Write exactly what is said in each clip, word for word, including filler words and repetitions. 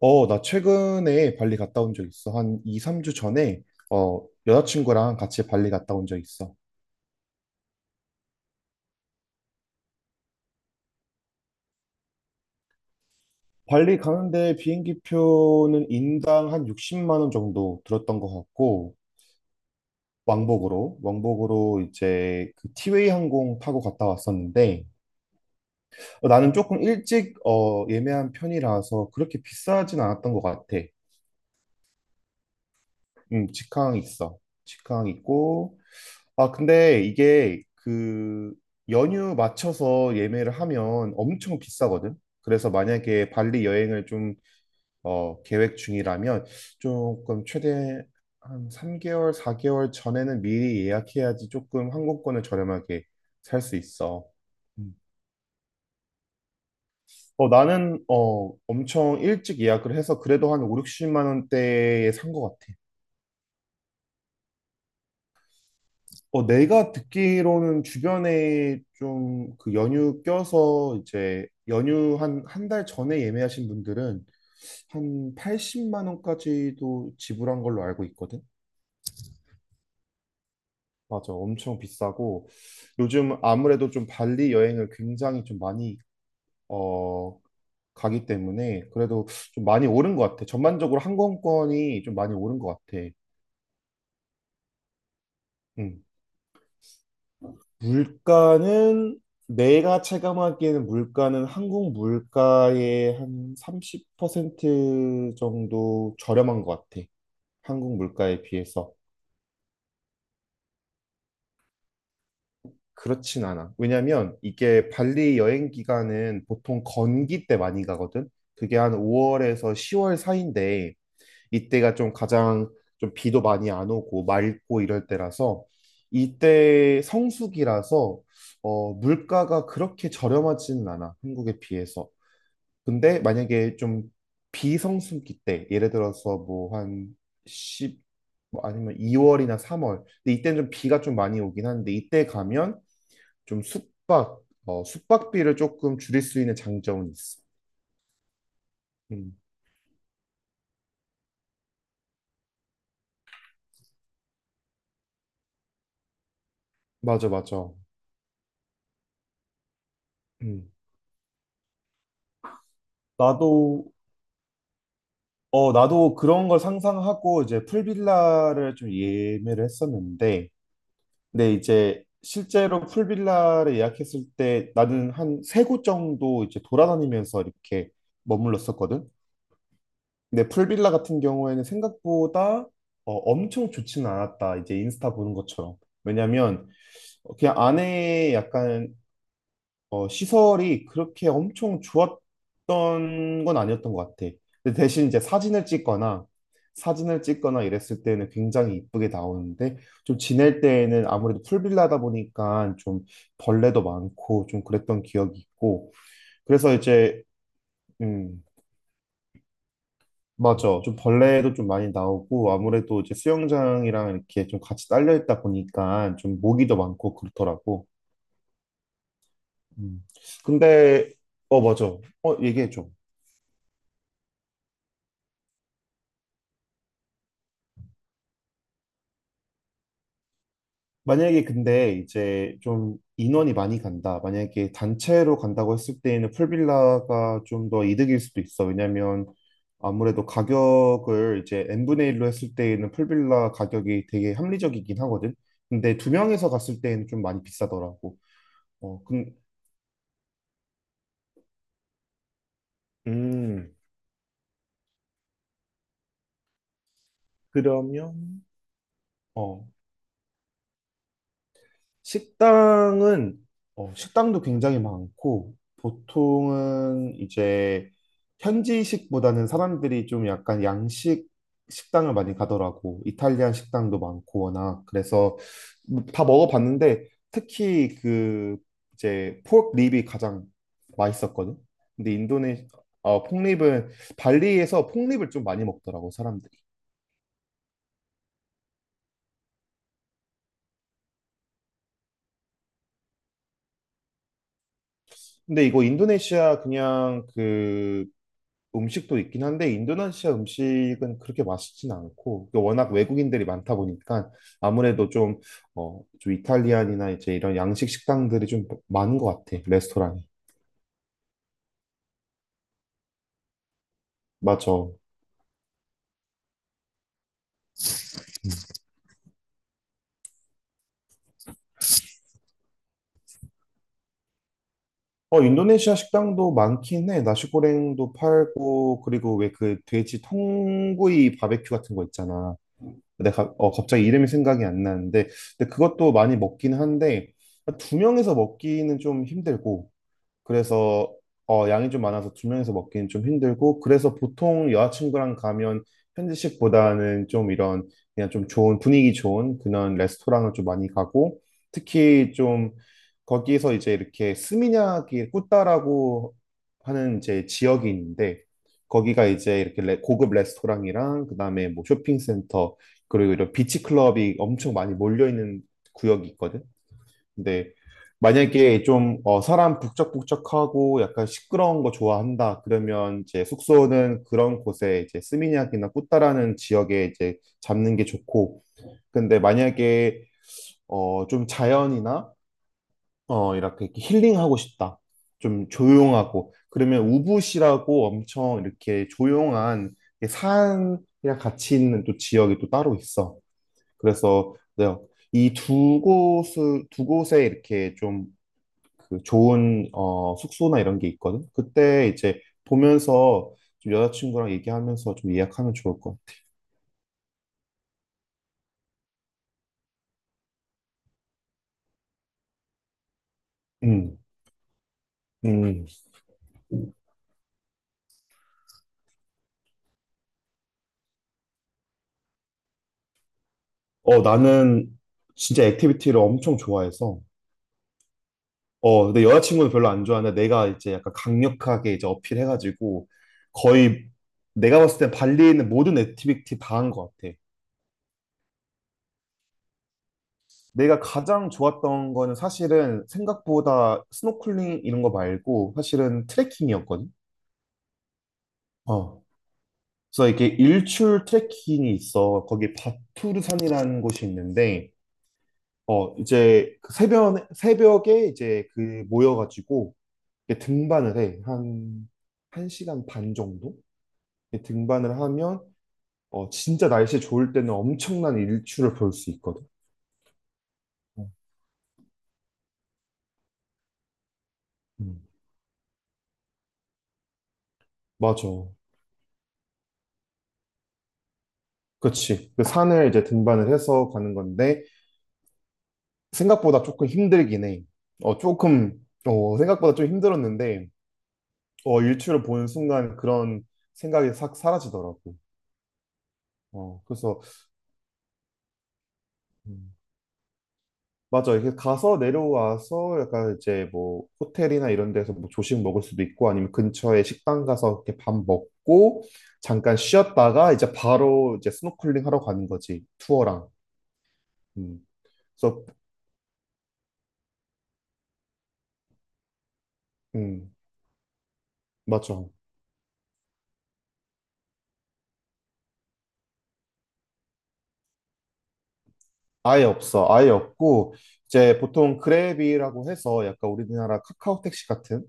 어, 나 최근에 발리 갔다 온 적 있어. 한 이, 삼 주 전에. 어, 여자친구랑 같이 발리 갔다 온 적 있어. 발리 가는데 비행기 표는 인당 한 육십만 원 정도 들었던 것 같고, 왕복으로 왕복으로 이제 그 티웨이 항공 타고 갔다 왔었는데, 어, 나는 조금 일찍 어, 예매한 편이라서 그렇게 비싸진 않았던 것 같아. 음, 직항 있어. 직항 있고, 아, 근데 이게 그 연휴 맞춰서 예매를 하면 엄청 비싸거든. 그래서 만약에 발리 여행을 좀 어, 계획 중이라면 조금 최대 한 삼 개월, 사 개월 전에는 미리 예약해야지 조금 항공권을 저렴하게 살 수 있어. 음. 어, 나는 어, 엄청 일찍 예약을 해서 그래도 한 오, 육십만 원대에 산 것 같아. 어, 내가 듣기로는 주변에 좀 그 연휴 껴서 이제 연휴 한 한 달 전에 예매하신 분들은 한 팔십만 원까지도 지불한 걸로 알고 있거든. 맞아, 엄청 비싸고, 요즘 아무래도 좀 발리 여행을 굉장히 좀 많이 어 가기 때문에, 그래도 좀 많이 오른 것 같아. 전반적으로 항공권이 좀 많이 오른 것 같아. 응. 물가는, 내가 체감하기에는 물가는 한국 물가의 한 삼십 퍼센트 정도 저렴한 것 같아. 한국 물가에 비해서. 그렇진 않아. 왜냐면 이게 발리 여행 기간은 보통 건기 때 많이 가거든. 그게 한 오월에서 시월 사이인데, 이때가 좀 가장 좀 비도 많이 안 오고 맑고 이럴 때라서, 이때 성수기라서 어, 물가가 그렇게 저렴하지는 않아, 한국에 비해서. 근데 만약에 좀 비성수기 때, 예를 들어서 뭐 한 시월, 뭐 아니면 이월이나 삼월. 근데 이때는 좀 비가 좀 많이 오긴 하는데, 이때 가면 좀 숙박, 어, 숙박비를 조금 줄일 수 있는 장점은 있어. 음, 맞아, 맞아. 음, 나도 어, 나도 그런 걸 상상하고 이제 풀빌라를 좀 예매를 했었는데, 근데 이제 실제로 풀빌라를 예약했을 때 나는 한 세 곳 정도 이제 돌아다니면서 이렇게 머물렀었거든. 근데 풀빌라 같은 경우에는 생각보다 어, 엄청 좋지는 않았다, 이제 인스타 보는 것처럼. 왜냐면 그냥 안에 약간 어, 시설이 그렇게 엄청 좋았던 건 아니었던 것 같아. 근데 대신 이제 사진을 찍거나 사진을 찍거나 이랬을 때는 굉장히 이쁘게 나오는데, 좀 지낼 때에는 아무래도 풀빌라다 보니까 좀 벌레도 많고 좀 그랬던 기억이 있고. 그래서 이제, 음 맞아, 좀 벌레도 좀 많이 나오고, 아무래도 이제 수영장이랑 이렇게 좀 같이 딸려 있다 보니까 좀 모기도 많고 그렇더라고. 음 근데, 어, 맞아. 어 얘기해 줘. 만약에, 근데 이제 좀 인원이 많이 간다, 만약에 단체로 간다고 했을 때에는 풀빌라가 좀 더 이득일 수도 있어. 왜냐면 아무래도 가격을 이제 n분의 일로 했을 때에는 풀빌라 가격이 되게 합리적이긴 하거든. 근데 두 명에서 갔을 때에는 좀 많이 비싸더라고. 어, 근, 음, 그러면, 어, 식당은 어, 식당도 굉장히 많고, 보통은 이제 현지식보다는 사람들이 좀 약간 양식 식당을 많이 가더라고. 이탈리안 식당도 많고 워낙 그래서 뭐다 먹어봤는데, 특히 그 이제 포크 립이 가장 맛있었거든. 근데 인도네 어, 폭립은, 발리에서 폭립을 좀 많이 먹더라고 사람들이. 근데 이거 인도네시아 그냥 그 음식도 있긴 한데, 인도네시아 음식은 그렇게 맛있진 않고, 그 워낙 외국인들이 많다 보니까 아무래도 좀, 어, 좀 이탈리안이나 이제 이런 양식 식당들이 좀 많은 것 같아, 레스토랑이. 맞아. 어 인도네시아 식당도 많긴 해. 나시고랭도 팔고, 그리고 왜 그 돼지 통구이 바베큐 같은 거 있잖아. 내가 어, 갑자기 이름이 생각이 안 나는데, 근데 그것도 많이 먹긴 한데 두 명에서 먹기는 좀 힘들고. 그래서 어, 양이 좀 많아서 두 명이서 먹기는 좀 힘들고, 그래서 보통 여자친구랑 가면 현지식보다는 좀 이런, 그냥 좀 좋은 분위기 좋은 그런 레스토랑을 좀 많이 가고. 특히 좀 거기서 이제 이렇게 스미냑이 꾸따라고 하는 이제 지역이 있는데, 거기가 이제 이렇게 레- 고급 레스토랑이랑 그다음에 뭐 쇼핑센터, 그리고 이런 비치 클럽이 엄청 많이 몰려 있는 구역이 있거든. 근데 만약에 좀 어, 사람 북적북적하고 약간 시끄러운 거 좋아한다 그러면, 이제 숙소는 그런 곳에, 이제 스미냑이나 꾸따라는 지역에 이제 잡는 게 좋고. 근데 만약에 어, 좀 자연이나 어, 이렇게 힐링하고 싶다, 좀 조용하고 그러면, 우붓이라고 엄청 이렇게 조용한 산이랑 같이 있는 또 지역이 또 따로 있어. 그래서, 네, 이 두 곳을 두 곳에 이렇게 좀 그 좋은 어, 숙소나 이런 게 있거든. 그때 이제 보면서 좀 여자친구랑 얘기하면서 좀 예약하면 좋을 것 같아. 음, 음. 어, 나는 진짜 액티비티를 엄청 좋아해서. 어, 근데 여자친구는 별로 안 좋아하는데 내가 이제 약간 강력하게 이제 어필해가지고, 거의 내가 봤을 때 발리에 있는 모든 액티비티 다 한 것 같아. 내가 가장 좋았던 거는, 사실은 생각보다 스노클링 이런 거 말고 사실은 트레킹이었거든. 어. 그래서 이렇게 일출 트레킹이 있어. 거기 바투르산이라는 곳이 있는데, 어, 이제 그 새벽, 새벽에 이제 그 모여가지고 이렇게 등반을 해. 한, 한 시간 반 정도? 이렇게 등반을 하면 어, 진짜 날씨 좋을 때는 엄청난 일출을 볼 수 있거든. 어, 음, 맞아. 그치. 그 산을 이제 등반을 해서 가는 건데, 생각보다 조금 힘들긴 해. 어, 조금, 어, 생각보다 좀 힘들었는데, 어, 일출을 보는 순간 그런 생각이 싹 사라지더라고. 어, 그래서. 음, 맞아. 이렇게 가서 내려와서 약간 이제 뭐 호텔이나 이런 데서 뭐 조식 먹을 수도 있고, 아니면 근처에 식당 가서 이렇게 밥 먹고, 잠깐 쉬었다가 이제 바로 이제 스노클링 하러 가는 거지. 투어랑. 음, 그래서, 음, 맞아. 아예 없어. 아예 없고, 이제 보통 그랩이라고 해서 약간 우리나라 카카오 택시 같은,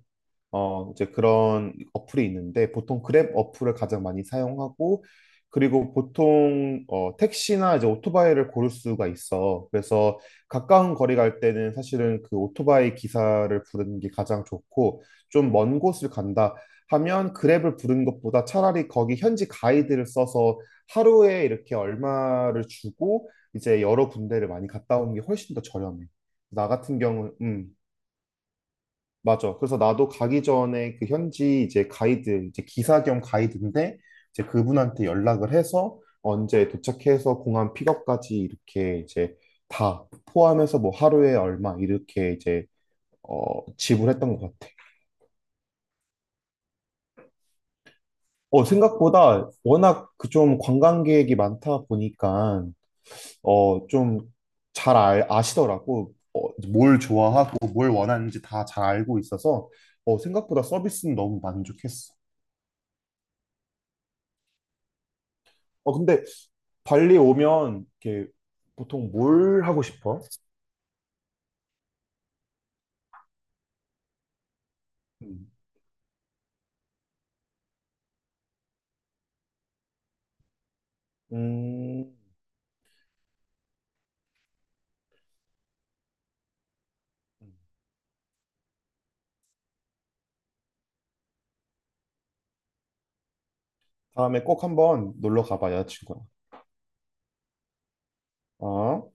어, 이제 그런 어플이 있는데, 보통 그랩 어플을 가장 많이 사용하고, 그리고 보통 어, 택시나 이제 오토바이를 고를 수가 있어. 그래서 가까운 거리 갈 때는 사실은 그 오토바이 기사를 부르는 게 가장 좋고, 좀 먼 곳을 간다 하면 그랩을 부르는 것보다 차라리 거기 현지 가이드를 써서 하루에 이렇게 얼마를 주고 이제 여러 군데를 많이 갔다 오는 게 훨씬 더 저렴해. 나 같은 경우는, 맞아. 그래서 나도 가기 전에 그 현지 이제 가이드, 이제 기사 겸 가이드인데, 이제 그분한테 연락을 해서 언제 도착해서 공항 픽업까지 이렇게 이제 다 포함해서 뭐 하루에 얼마 이렇게 이제 어, 지불했던 것 같아. 어, 생각보다 워낙 그 좀 관광객이 많다 보니까 어, 좀 잘 아시더라고. 어, 뭘 좋아하고 뭘 원하는지 다 잘 알고 있어서, 어, 생각보다 서비스는 너무 만족했어. 어, 근데 발리 오면 이렇게 보통 뭘 하고 싶어? 음. 음, 다음에 꼭 한번 놀러 가봐, 여자친구랑. 어?